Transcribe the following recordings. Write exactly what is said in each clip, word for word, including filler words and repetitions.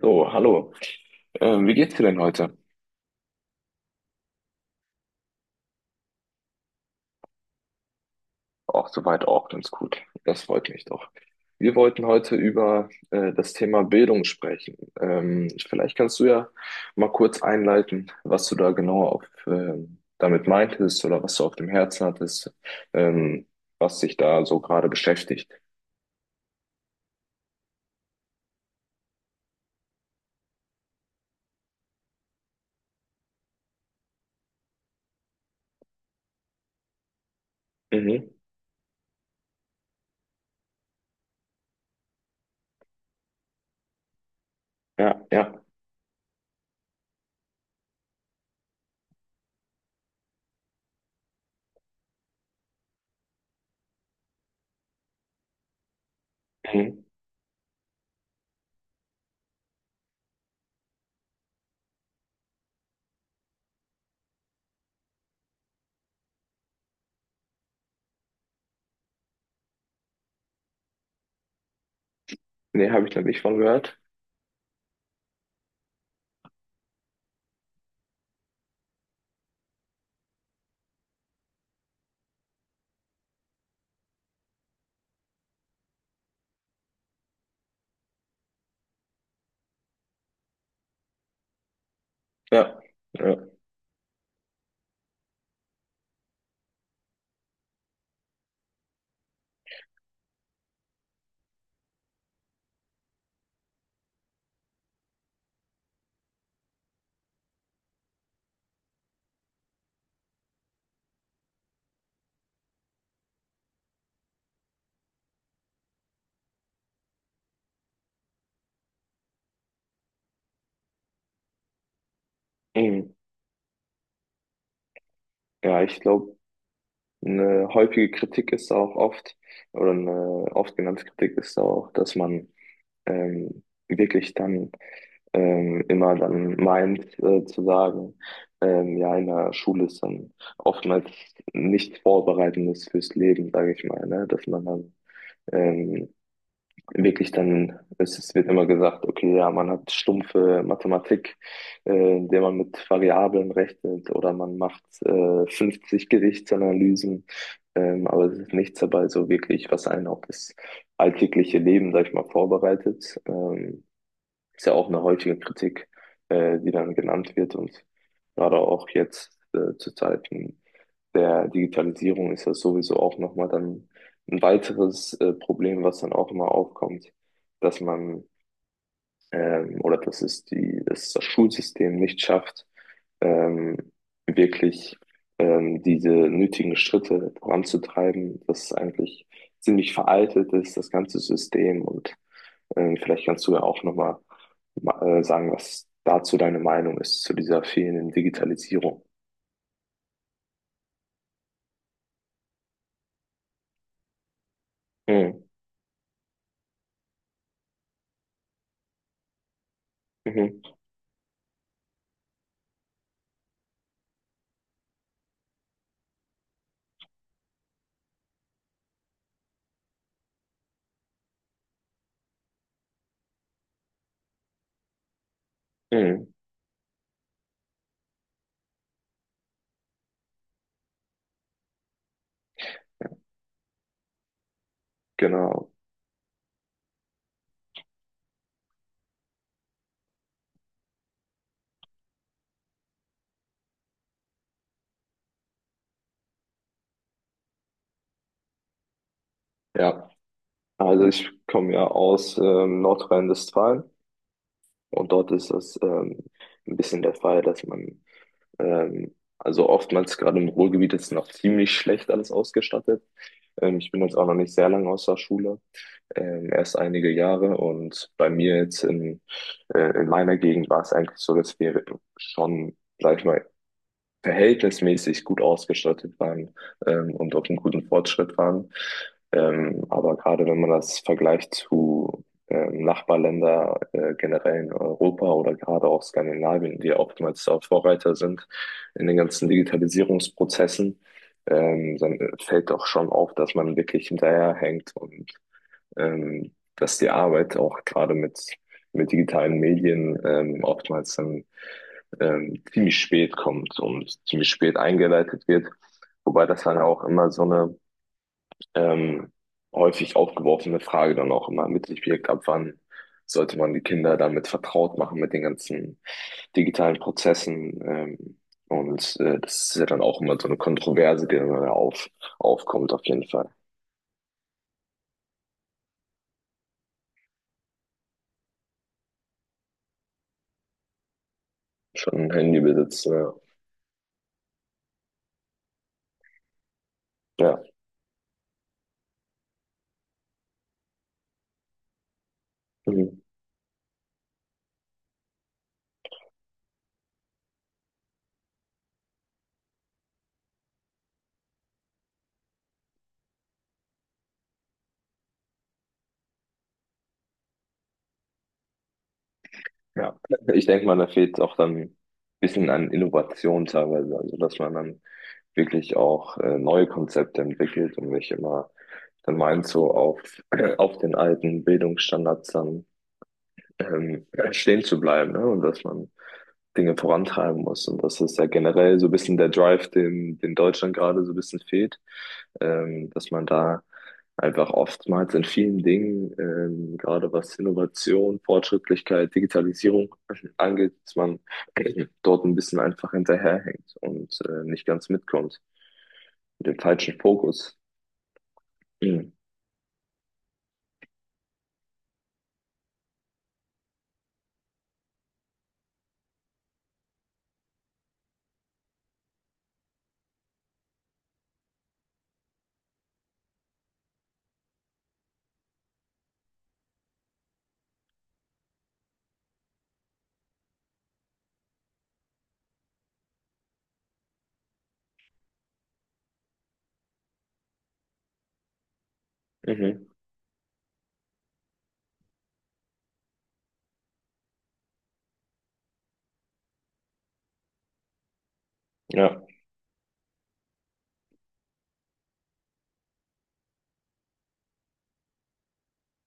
So, hallo. Ähm, wie geht's dir denn heute? Auch soweit auch ganz gut. Das freut mich doch. Wir wollten heute über äh, das Thema Bildung sprechen. Ähm, vielleicht kannst du ja mal kurz einleiten, was du da genau auf, ähm, damit meintest oder was du auf dem Herzen hattest, ähm, was dich da so gerade beschäftigt. Mhm. Ja, ja. Mhm. Nee, habe ich noch nicht von gehört. Ja, ja. Mhm. Ja, ich glaube. Eine häufige Kritik ist auch oft, oder eine oft genannte Kritik ist auch, dass man ähm, wirklich dann ähm, immer dann meint äh, zu sagen, ähm, ja, in der Schule ist dann oftmals nichts Vorbereitendes fürs Leben, sage ich mal, ne? Dass man dann ähm, wirklich dann, es, es wird immer gesagt, okay, ja, man hat stumpfe Mathematik, äh, in der man mit Variablen rechnet oder man macht äh, fünfzig Gewichtsanalysen, ähm, aber es ist nichts dabei so wirklich, was einen auf das alltägliche Leben, sag ich mal, vorbereitet. Ähm, ist ja auch eine häufige Kritik, äh, die dann genannt wird und gerade auch jetzt äh, zu Zeiten der Digitalisierung ist das sowieso auch nochmal dann ein weiteres äh, Problem, was dann auch immer aufkommt, dass man ähm, oder dass es die, dass das Schulsystem nicht schafft, ähm, wirklich ähm, diese nötigen Schritte voranzutreiben, dass es eigentlich ziemlich veraltet ist, das ganze System und ähm, vielleicht kannst du ja auch nochmal äh, sagen, was dazu deine Meinung ist, zu dieser fehlenden Digitalisierung. Mhm. Mhm. Mhm. Genau. Ja. Also ich komme ja aus ähm, Nordrhein-Westfalen und dort ist das ähm, ein bisschen der Fall, dass man, ähm, also oftmals gerade im Ruhrgebiet ist noch ziemlich schlecht alles ausgestattet. Ähm, ich bin jetzt auch noch nicht sehr lange aus der Schule, ähm, erst einige Jahre und bei mir jetzt in, äh, in meiner Gegend war es eigentlich so, dass wir schon, sag ich mal, verhältnismäßig gut ausgestattet waren ähm, und auf einem guten Fortschritt waren. Ähm, aber gerade wenn man das vergleicht zu ähm, Nachbarländer äh, generell in Europa oder gerade auch Skandinavien, die oftmals da Vorreiter sind in den ganzen Digitalisierungsprozessen, ähm, dann äh, fällt doch schon auf, dass man wirklich hinterherhängt und ähm, dass die Arbeit auch gerade mit, mit digitalen Medien ähm, oftmals dann ähm, ziemlich spät kommt und ziemlich spät eingeleitet wird. Wobei das dann auch immer so eine ähm, häufig aufgeworfene Frage dann auch immer mit sich birgt, ab wann sollte man die Kinder damit vertraut machen, mit den ganzen digitalen Prozessen. Ähm, und äh, das ist ja dann auch immer so eine Kontroverse, die dann auf, aufkommt auf jeden Fall. Schon ein Handybesitz, ja. Ja. Mhm. Ja, ich denke mal, da fehlt auch dann ein bisschen an Innovation teilweise, also dass man dann wirklich auch äh, neue Konzepte entwickelt und nicht immer dann meint, so auf, auf den alten Bildungsstandards dann ähm, stehen zu bleiben, ne? Und dass man Dinge vorantreiben muss. Und das ist ja generell so ein bisschen der Drive, den, den Deutschland gerade so ein bisschen fehlt, ähm, dass man da einfach oftmals in vielen Dingen, ähm, gerade was Innovation, Fortschrittlichkeit, Digitalisierung angeht, dass man dort ein bisschen einfach hinterherhängt und äh, nicht ganz mitkommt. Mit dem falschen Fokus. Mhm. Mhm. Ja,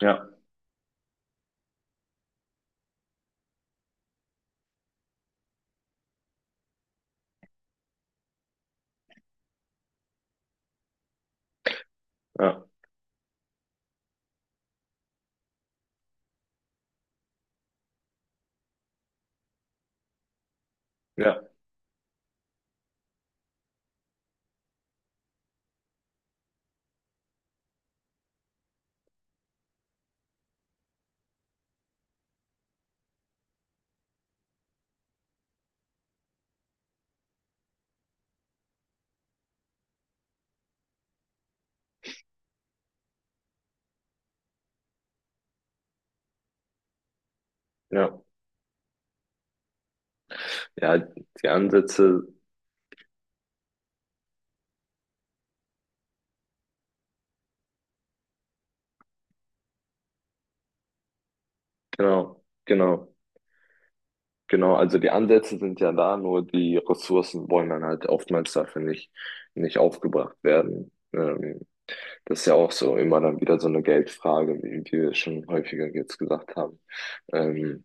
ja, ja, ja, ja. Ja, die Ansätze, genau, genau. Genau, also die Ansätze sind ja da, nur die Ressourcen wollen dann halt oftmals dafür nicht, nicht aufgebracht werden. Ähm, das ist ja auch so immer dann wieder so eine Geldfrage, wie, wie wir schon häufiger jetzt gesagt haben. Ähm,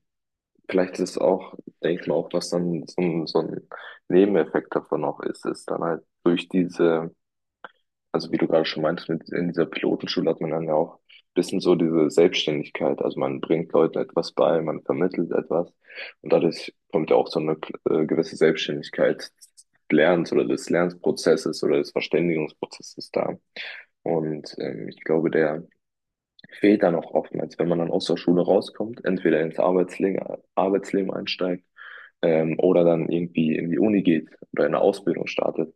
vielleicht ist es auch, denke ich mal, auch was dann so, ein- so ein Nebeneffekt davon auch ist, ist dann halt durch diese also wie du gerade schon meintest, mit, in dieser Pilotenschule hat man dann ja auch ein bisschen so diese Selbstständigkeit. Also man bringt Leuten etwas bei, man vermittelt etwas und dadurch kommt ja auch so eine äh, gewisse Selbstständigkeit des Lernens oder des Lernprozesses oder des Verständigungsprozesses da. Und ähm, ich glaube, der fehlt da noch oftmals, wenn man dann aus der Schule rauskommt, entweder ins Arbeitsleben, Arbeitsleben einsteigt ähm, oder dann irgendwie in die Uni geht oder eine Ausbildung startet,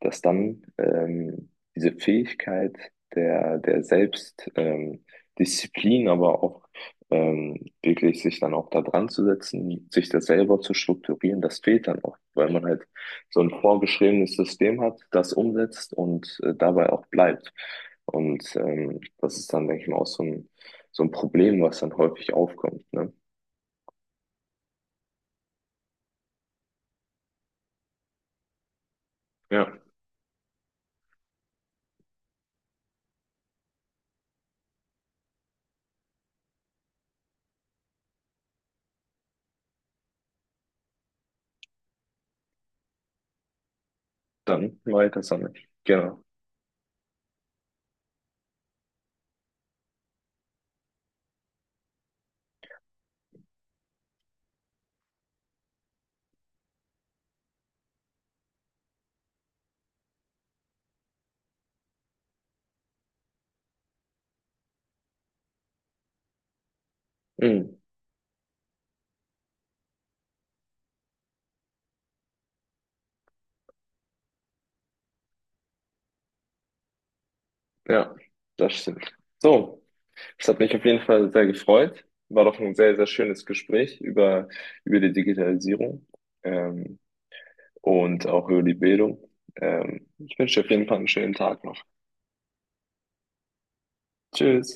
dass dann ähm, diese Fähigkeit der, der Selbst, ähm, Disziplin, aber auch ähm, wirklich sich dann auch da dran zu setzen, sich das selber zu strukturieren, das fehlt dann auch, weil man halt so ein vorgeschriebenes System hat, das umsetzt und äh, dabei auch bleibt. Und ähm, das ist dann, denke ich mal, auch so ein, so ein Problem, was dann häufig aufkommt. Ne? Ja, dann weiter sammeln. Genau. Mhm. Ja, das stimmt. So, es hat mich auf jeden Fall sehr gefreut. War doch ein sehr, sehr schönes Gespräch über, über die Digitalisierung ähm, und auch über die Bildung. Ähm, ich wünsche dir auf jeden Fall einen schönen Tag noch. Tschüss.